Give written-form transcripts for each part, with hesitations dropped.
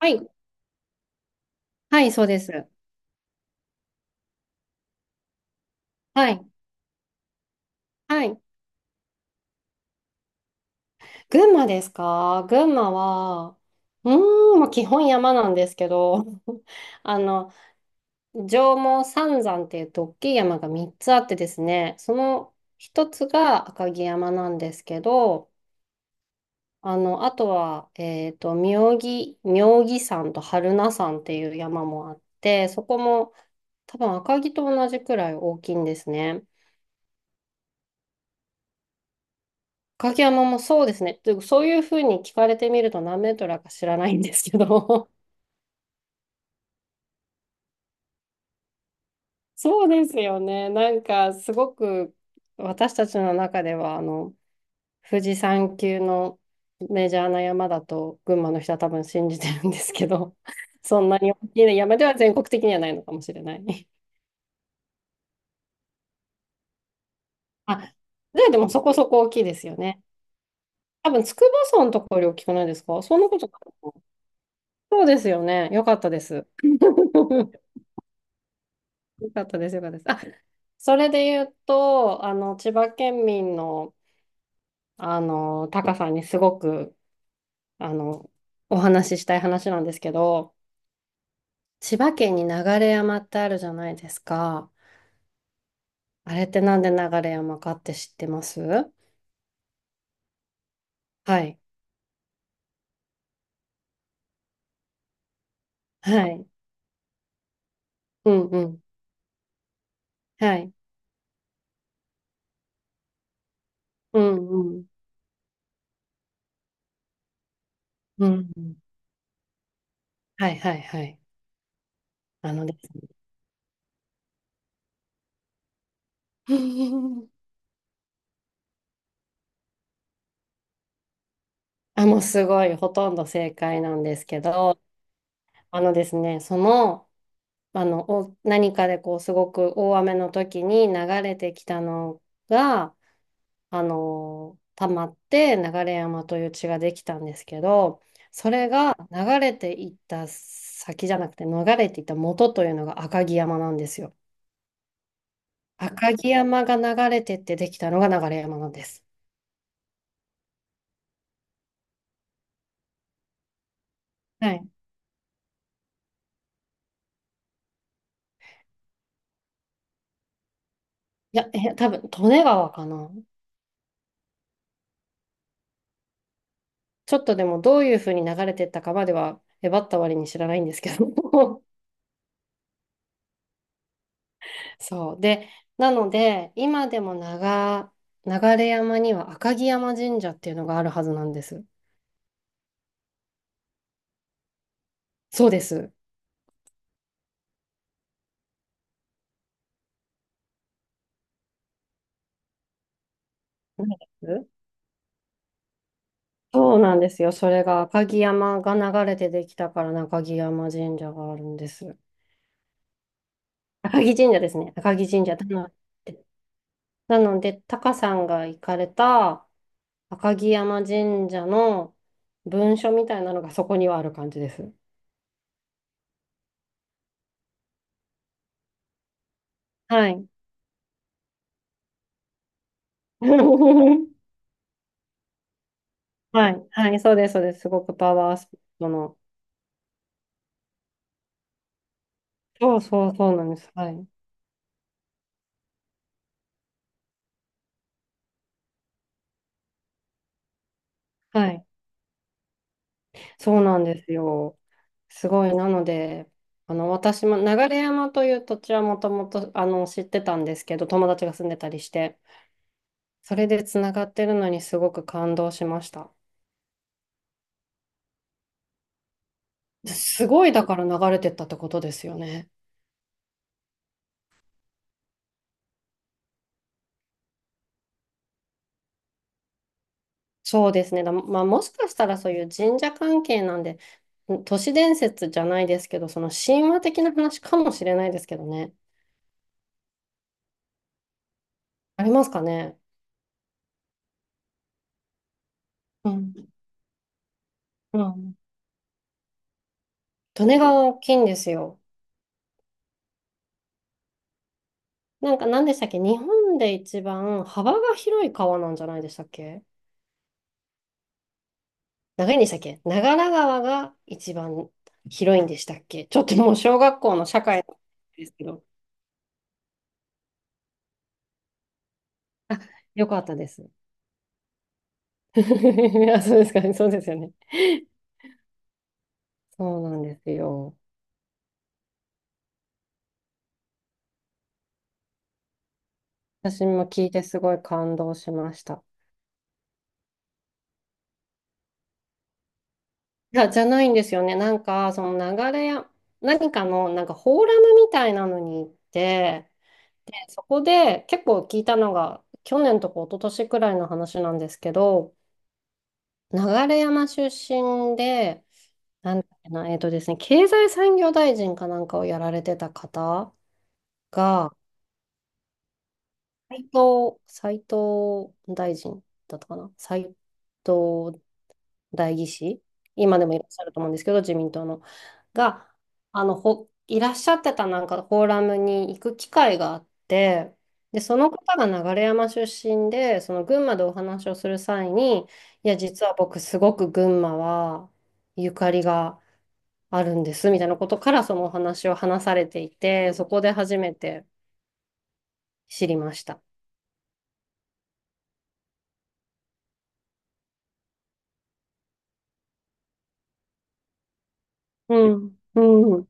はい、はい、そうです。はい、はい。群馬ですか？群馬は、うーん、まあ、基本山なんですけど、あの、上毛三山っていうと大きい山が3つあってですね、その一つが赤城山なんですけど、あとは、妙義山と榛名山っていう山もあって、そこも多分赤城と同じくらい大きいんですね。影山もそうですね。というかそういうふうに聞かれてみると何メートルだか知らないんですけど。そうですよね。なんかすごく私たちの中では富士山級のメジャーな山だと群馬の人は多分信じてるんですけど、そんなに大きな山では全国的にはないのかもしれない。あ、じゃあでもそこそこ大きいですよね。多分筑波山のところより大きくないですか？そんなことないのかな。そうですよね。よかったです。よかったです、よかったです。あ、それで言うと、千葉県民の、タカさんにすごく、あの、お話ししたい話なんですけど、千葉県に流山ってあるじゃないですか。あれってなんで流山かって知ってます？はい。はい。うんうん。はい。うんうん。うんうん。はいはいはい。あのですね。あ、もうすごい、ほとんど正解なんですけど、あのですね、その、あの、お何かでこう、すごく大雨の時に流れてきたのが、溜まって流山という地ができたんですけど、それが流れていった先じゃなくて、流れていった元というのが赤城山なんですよ。赤城山が流れてってできたのが流山なんです。はい。いや、多分、利根川かな。ちょっとでもどういうふうに流れてったかまでは、えばった割に知らないんですけど。 そう。で、なので、今でも流山には赤城山神社っていうのがあるはずなんです。そうです。何です？そうなんですよ。それが赤城山が流れてできたから、赤城山神社があるんです。赤城神社ですね。赤城神社。なので、タカさんが行かれた赤城山神社の文書みたいなのがそこにはある感じです。はい。はい、はい、そうです、そうです。すごくパワースポットの。そうそうそうなんです。はい。はい。そうなんですよ。すごい。なので、私も流山という土地はもともと、知ってたんですけど、友達が住んでたりして、それでつながってるのにすごく感動しました。すごい、だから流れてったってことですよね。そうですね。まあ、もしかしたらそういう神社関係なんで、都市伝説じゃないですけど、その神話的な話かもしれないですけどね。ありますかね。うん。うん。利根川大きいんですよ。なんか何でしたっけ？日本で一番幅が広い川なんじゃないでしたっけ？長いんでしたっけ？長良川が一番広いんでしたっけ？ちょっともう小学校の社会ですけど。あ、よかったです。あ、そうですかね。そうですよね。そうなんですよ。私も聞いてすごい感動しました。いや、じゃないんですよね。なんか、その流れや、何かの、なんかフォーラムみたいなのに行って、で、そこで結構聞いたのが、去年とか一昨年くらいの話なんですけど、流山出身で、なんだっけな、えっとですね、経済産業大臣かなんかをやられてた方が、斉藤大臣だったかな、斉藤代議士、今でもいらっしゃると思うんですけど、自民党の。が、いらっしゃってたなんかフォーラムに行く機会があって、で、その方が流山出身で、その群馬でお話をする際に、いや、実は僕すごく群馬はゆかりがあるんです、みたいなことからそのお話を話されていて、そこで初めて知りました。うん。うん。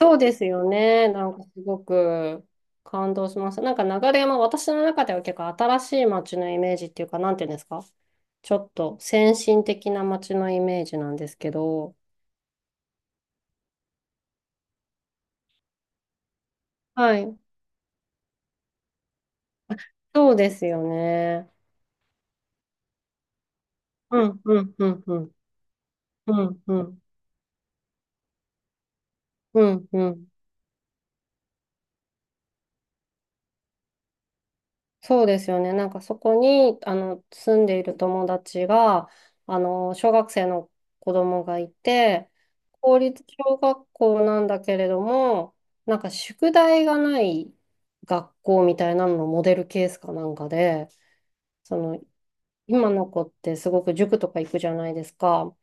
そうですよね。なんかすごく感動しました。なんか流山、私の中では結構新しい街のイメージっていうか、なんていうんですか？ちょっと先進的な街のイメージなんですけど。はい。そうですよね。うん、うん、うん、うん、うん、うん、うん、うん。そうですよね。なんかそこに、住んでいる友達が、小学生の子供がいて、公立小学校なんだけれども、なんか宿題がない学校みたいなののモデルケースかなんかで、その、今の子ってすごく塾とか行くじゃないですか。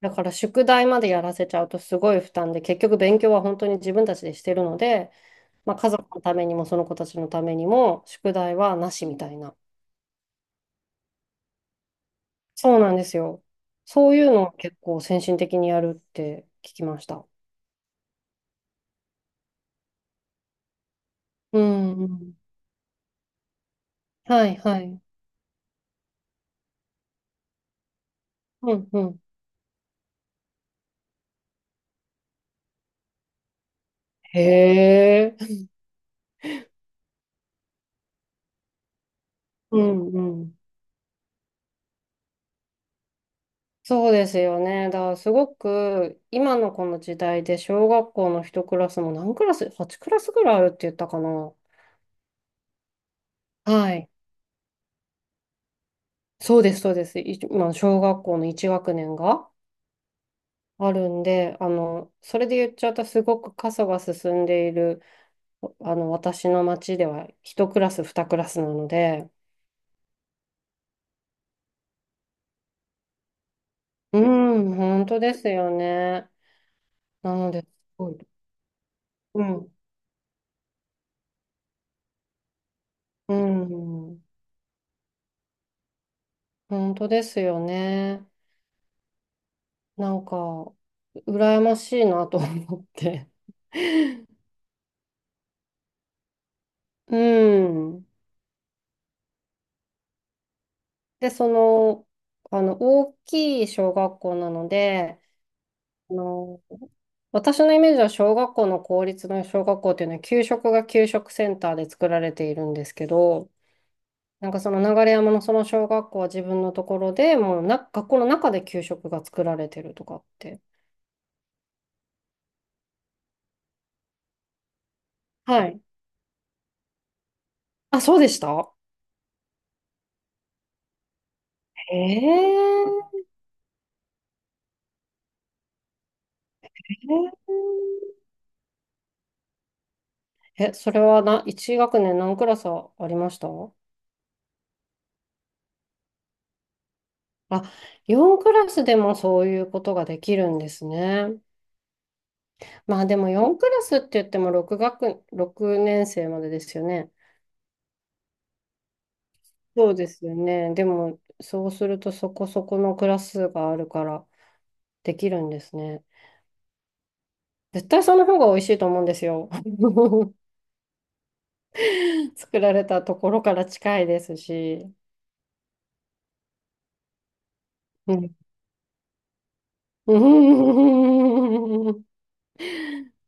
だから宿題までやらせちゃうとすごい負担で、結局勉強は本当に自分たちでしてるので、まあ、家族のためにもその子たちのためにも宿題はなしみたいな。そうなんですよ。そういうのを結構先進的にやるって聞きました。うん、うん。はい、はい。うん、うん。へえ。うん、うん。そうですよね。だからすごく今のこの時代で小学校の一クラスも何クラス？ 8 クラスぐらいあるって言ったかな。はい。そうです、そうです。今、小学校の1学年があるんで、それで言っちゃうとすごく過疎が進んでいる。私の町では一クラス、二クラスなので、うん、本当ですよね。なので、すごい。うん、うん、本当ですよね。なんか、羨ましいなと思って。うん。で、その、大きい小学校なので、あの、私のイメージは小学校の公立の小学校っていうのは給食が給食センターで作られているんですけど、なんかその流山のその小学校は自分のところでもう学校の中で給食が作られてるとかって。はい。あ、そうでした。えええ、それは1学年何クラスありました？あ、4クラスでもそういうことができるんですね。まあでも4クラスって言っても6年生までですよね。そうですよね。でもそうするとそこそこのクラスがあるからできるんですね。絶対その方が美味しいと思うんですよ。作られたところから近いですし。うん。うん。